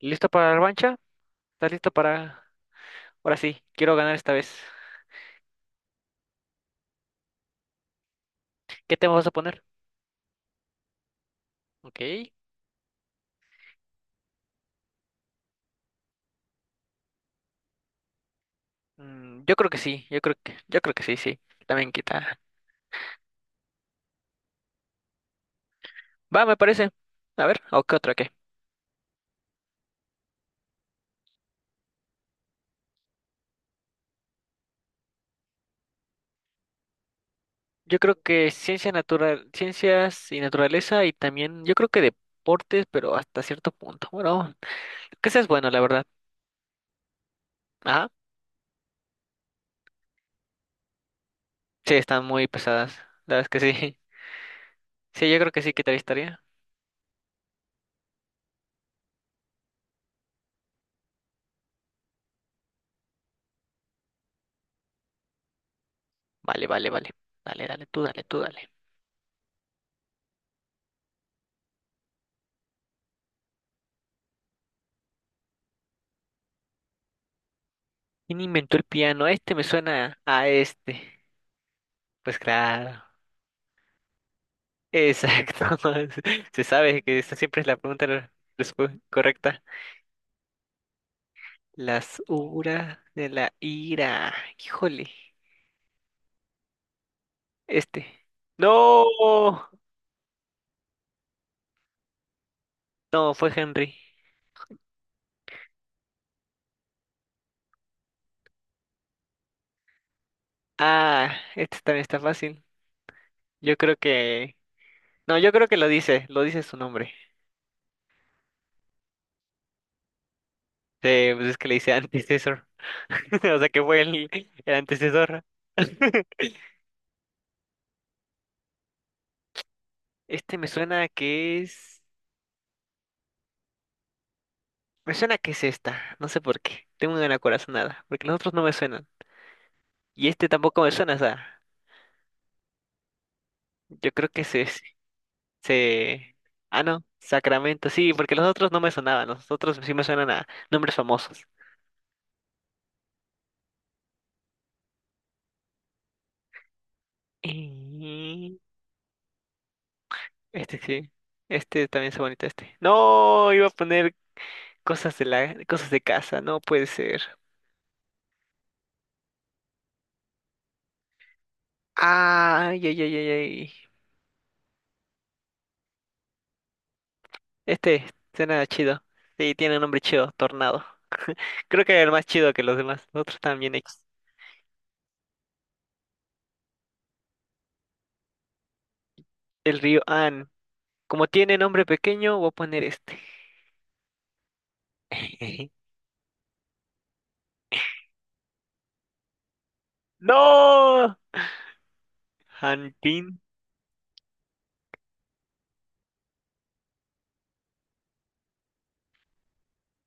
¿Listo para la revancha? ¿Estás listo para? Ahora sí, quiero ganar esta vez. ¿Qué tema vas a poner? Ok. Yo creo que sí, yo creo que sí, sí. También quita. Va, me parece. A ver, ¿o qué otra qué? Yo creo que ciencias y naturaleza y también yo creo que deportes, pero hasta cierto punto. Bueno, que seas bueno, la verdad. Ajá. Sí, están muy pesadas. La verdad es que sí. Sí, yo creo que sí que te estaría. Vale, vale, vale. Dale, dale, tú, dale, tú, dale. ¿Quién inventó el piano? Este me suena a este. Pues claro. Exacto. Se sabe que esta siempre es la pregunta correcta. Las horas de la ira. Híjole. Este. No. No, fue Henry. Ah, este también está fácil. Yo creo que... No, yo creo que lo dice. Lo dice su nombre. Pues es que le dice antecesor. O sea que fue el antecesor. Este me suena a que es. Me suena que es esta, no sé por qué. Tengo una corazonada, porque los otros no me suenan. Y este tampoco me suena, o sea, yo creo que es ese. Se... Ah, no, Sacramento, sí, porque los otros no me sonaban, los otros sí me suenan a nombres famosos. Y... Este sí, este también es bonito este. No, iba a poner cosas de casa, no puede ser. Ay, ay, ay, ay, ay. Este suena chido. Sí, tiene un nombre chido, Tornado. Creo que era el más chido que los demás, los otros están bien hechos. El río Han. Como tiene nombre pequeño, voy a poner este. ¡No! Hanpin.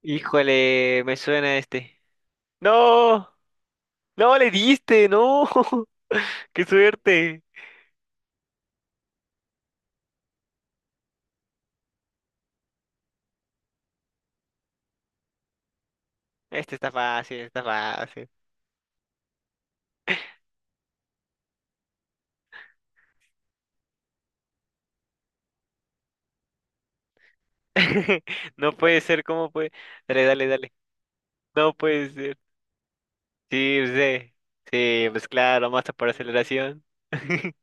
Híjole, me suena este. ¡No! ¡No le diste! ¡No! ¡Qué suerte! Este está fácil, está fácil. No puede ser, ¿cómo puede? Dale, dale, dale. No puede ser. Sí, pues, eh, Sí, pues claro, masa por aceleración.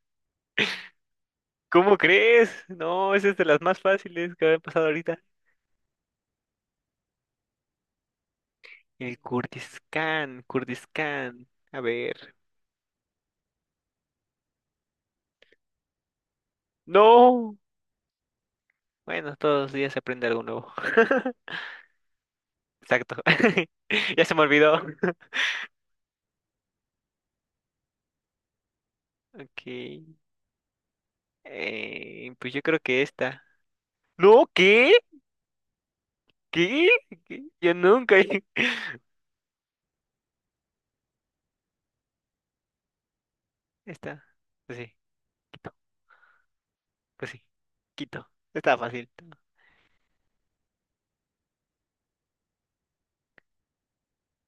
¿Cómo crees? No, esa es de las más fáciles que había pasado ahorita. El Kurdish Khan, Kurdish Khan. A ver. No. Bueno, todos los días se aprende algo nuevo. Exacto. Ya se me olvidó. Ok. Pues yo creo que esta. No, ¿qué? ¿Qué? ¿Qué? Yo nunca. Esta. Pues sí. Quito. Pues sí. Quito. Está fácil.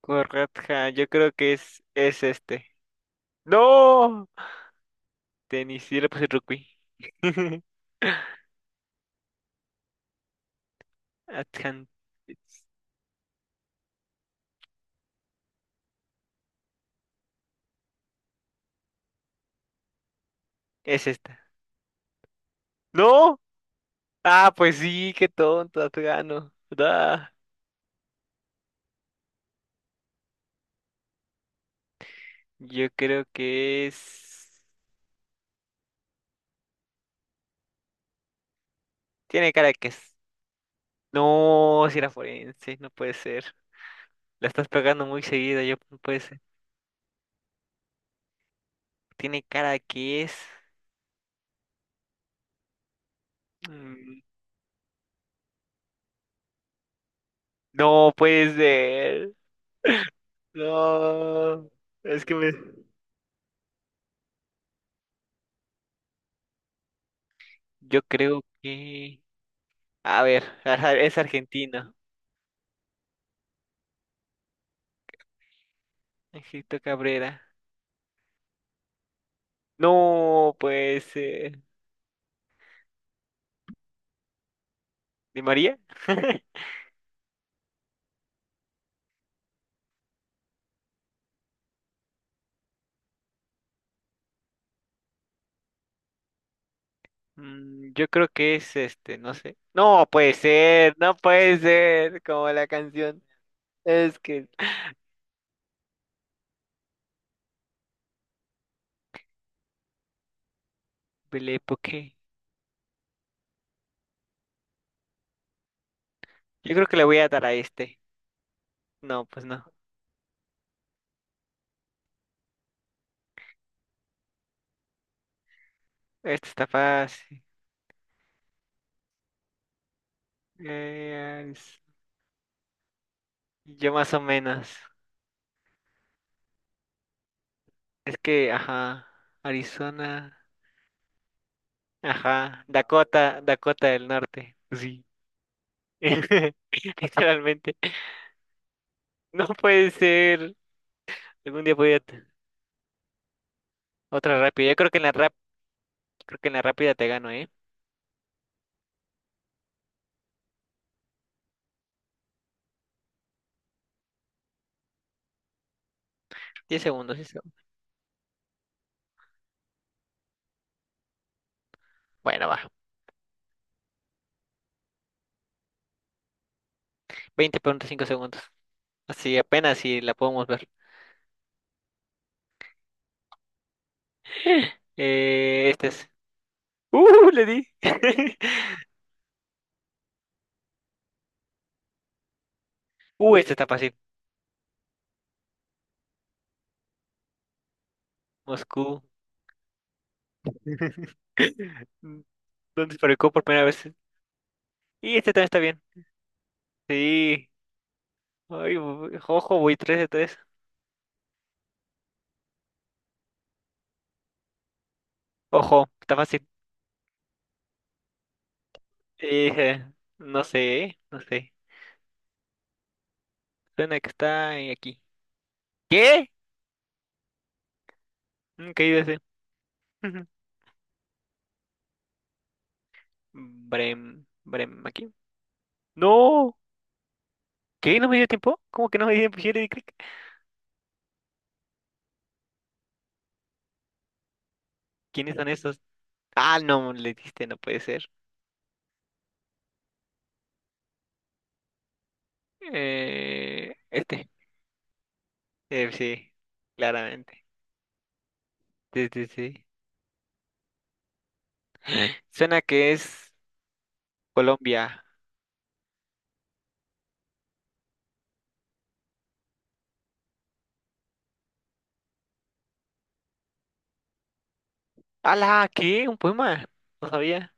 Correcta. Yo creo que es este. No. Tenis. Yo le puse rugby. Atkan- Es esta. No. Ah, pues sí, qué tonto, Afgano. Da. Yo creo que es. Tiene cara de que es. No, si era forense, no puede ser. La estás pegando muy seguida, yo no puede ser. Tiene cara de que es. Mm, No puede ser. No. Es que me. Yo creo que... A ver, ajá, es argentino. Egipto Cabrera. No puede ser. ¿Di María? Yo creo que es este, no sé. No puede ser, no puede ser, como la canción. Es que Bele, ¿por qué? Yo creo que le voy a dar a este. No, pues no. Este está fácil. Eh, Ariz- yo más o menos. Es que, ajá, Arizona, ajá, Dakota, Dakota del Norte. Sí. Literalmente. No puede ser. Algún día voy a otra rápida. Yo creo que en la rap, creo que en la rápida te gano, ¿eh? 10 segundos, 10. Bueno, va. 20 preguntas, 5 segundos. Así apenas si la podemos ver. Este es. ¡Uh! Le di. Este está fácil. Moscú. ¿Dónde se fabricó por primera vez? Y este también está bien. Sí. Ay, ojo, voy 3 de 3. Ojo, está fácil. Eh, no sé, no sé. Suena que está en aquí. ¿Qué? Nunca he ido a ese. Brem, Brem, aquí. No. ¿Qué? ¿No me dio tiempo? ¿Cómo que no me dio tiempo? Yo le di clic. ¿Quiénes son esos? Ah, no, le diste, no puede ser. Este. Sí, claramente. Sí, sí, sí. Suena que es Colombia. ¡Hala! ¿Qué? ¿Un poema? No sabía.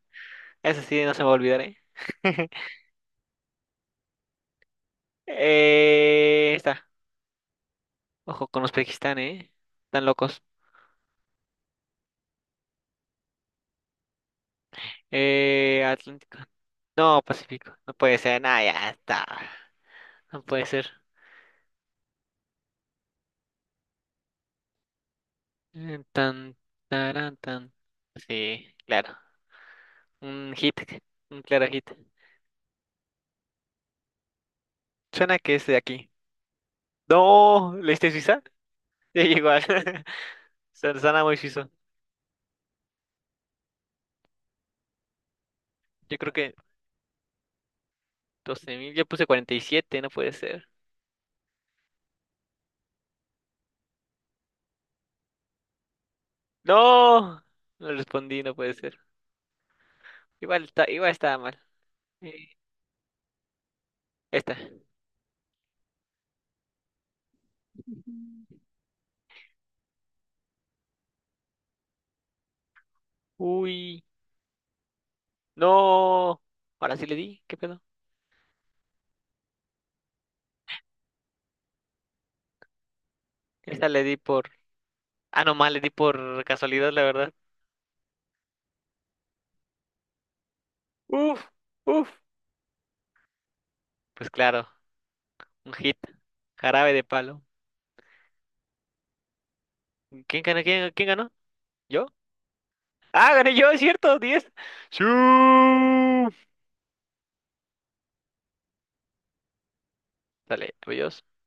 Eso sí, no se me va a olvidar, ¿eh? Está. Ojo con Uzbekistán, ¿eh? Están locos. Atlántico. No, Pacífico. No puede ser. Nada, ya está. No puede ser. Tan, tarán, tan. Sí, claro. Un hit. Un claro hit. Suena que es de aquí. No, ¿leíste Suiza? Ya igual. Suena muy suizo. Yo creo que 12.000. Yo puse 47, no puede ser. No, no respondí, no puede ser. Igual estaba mal. Eh, Esta. Uy, no. Ahora sí le di, ¿qué pedo? Esta le di por... Ah, no, mal, le di por casualidad, la verdad. Uf, uf. Pues claro, un hit. Jarabe de palo. ¿Quién ganó? ¿Quién ganó? ¿Yo? Ah, gané yo, es cierto, 10. ¡Siu! Dale, adiós.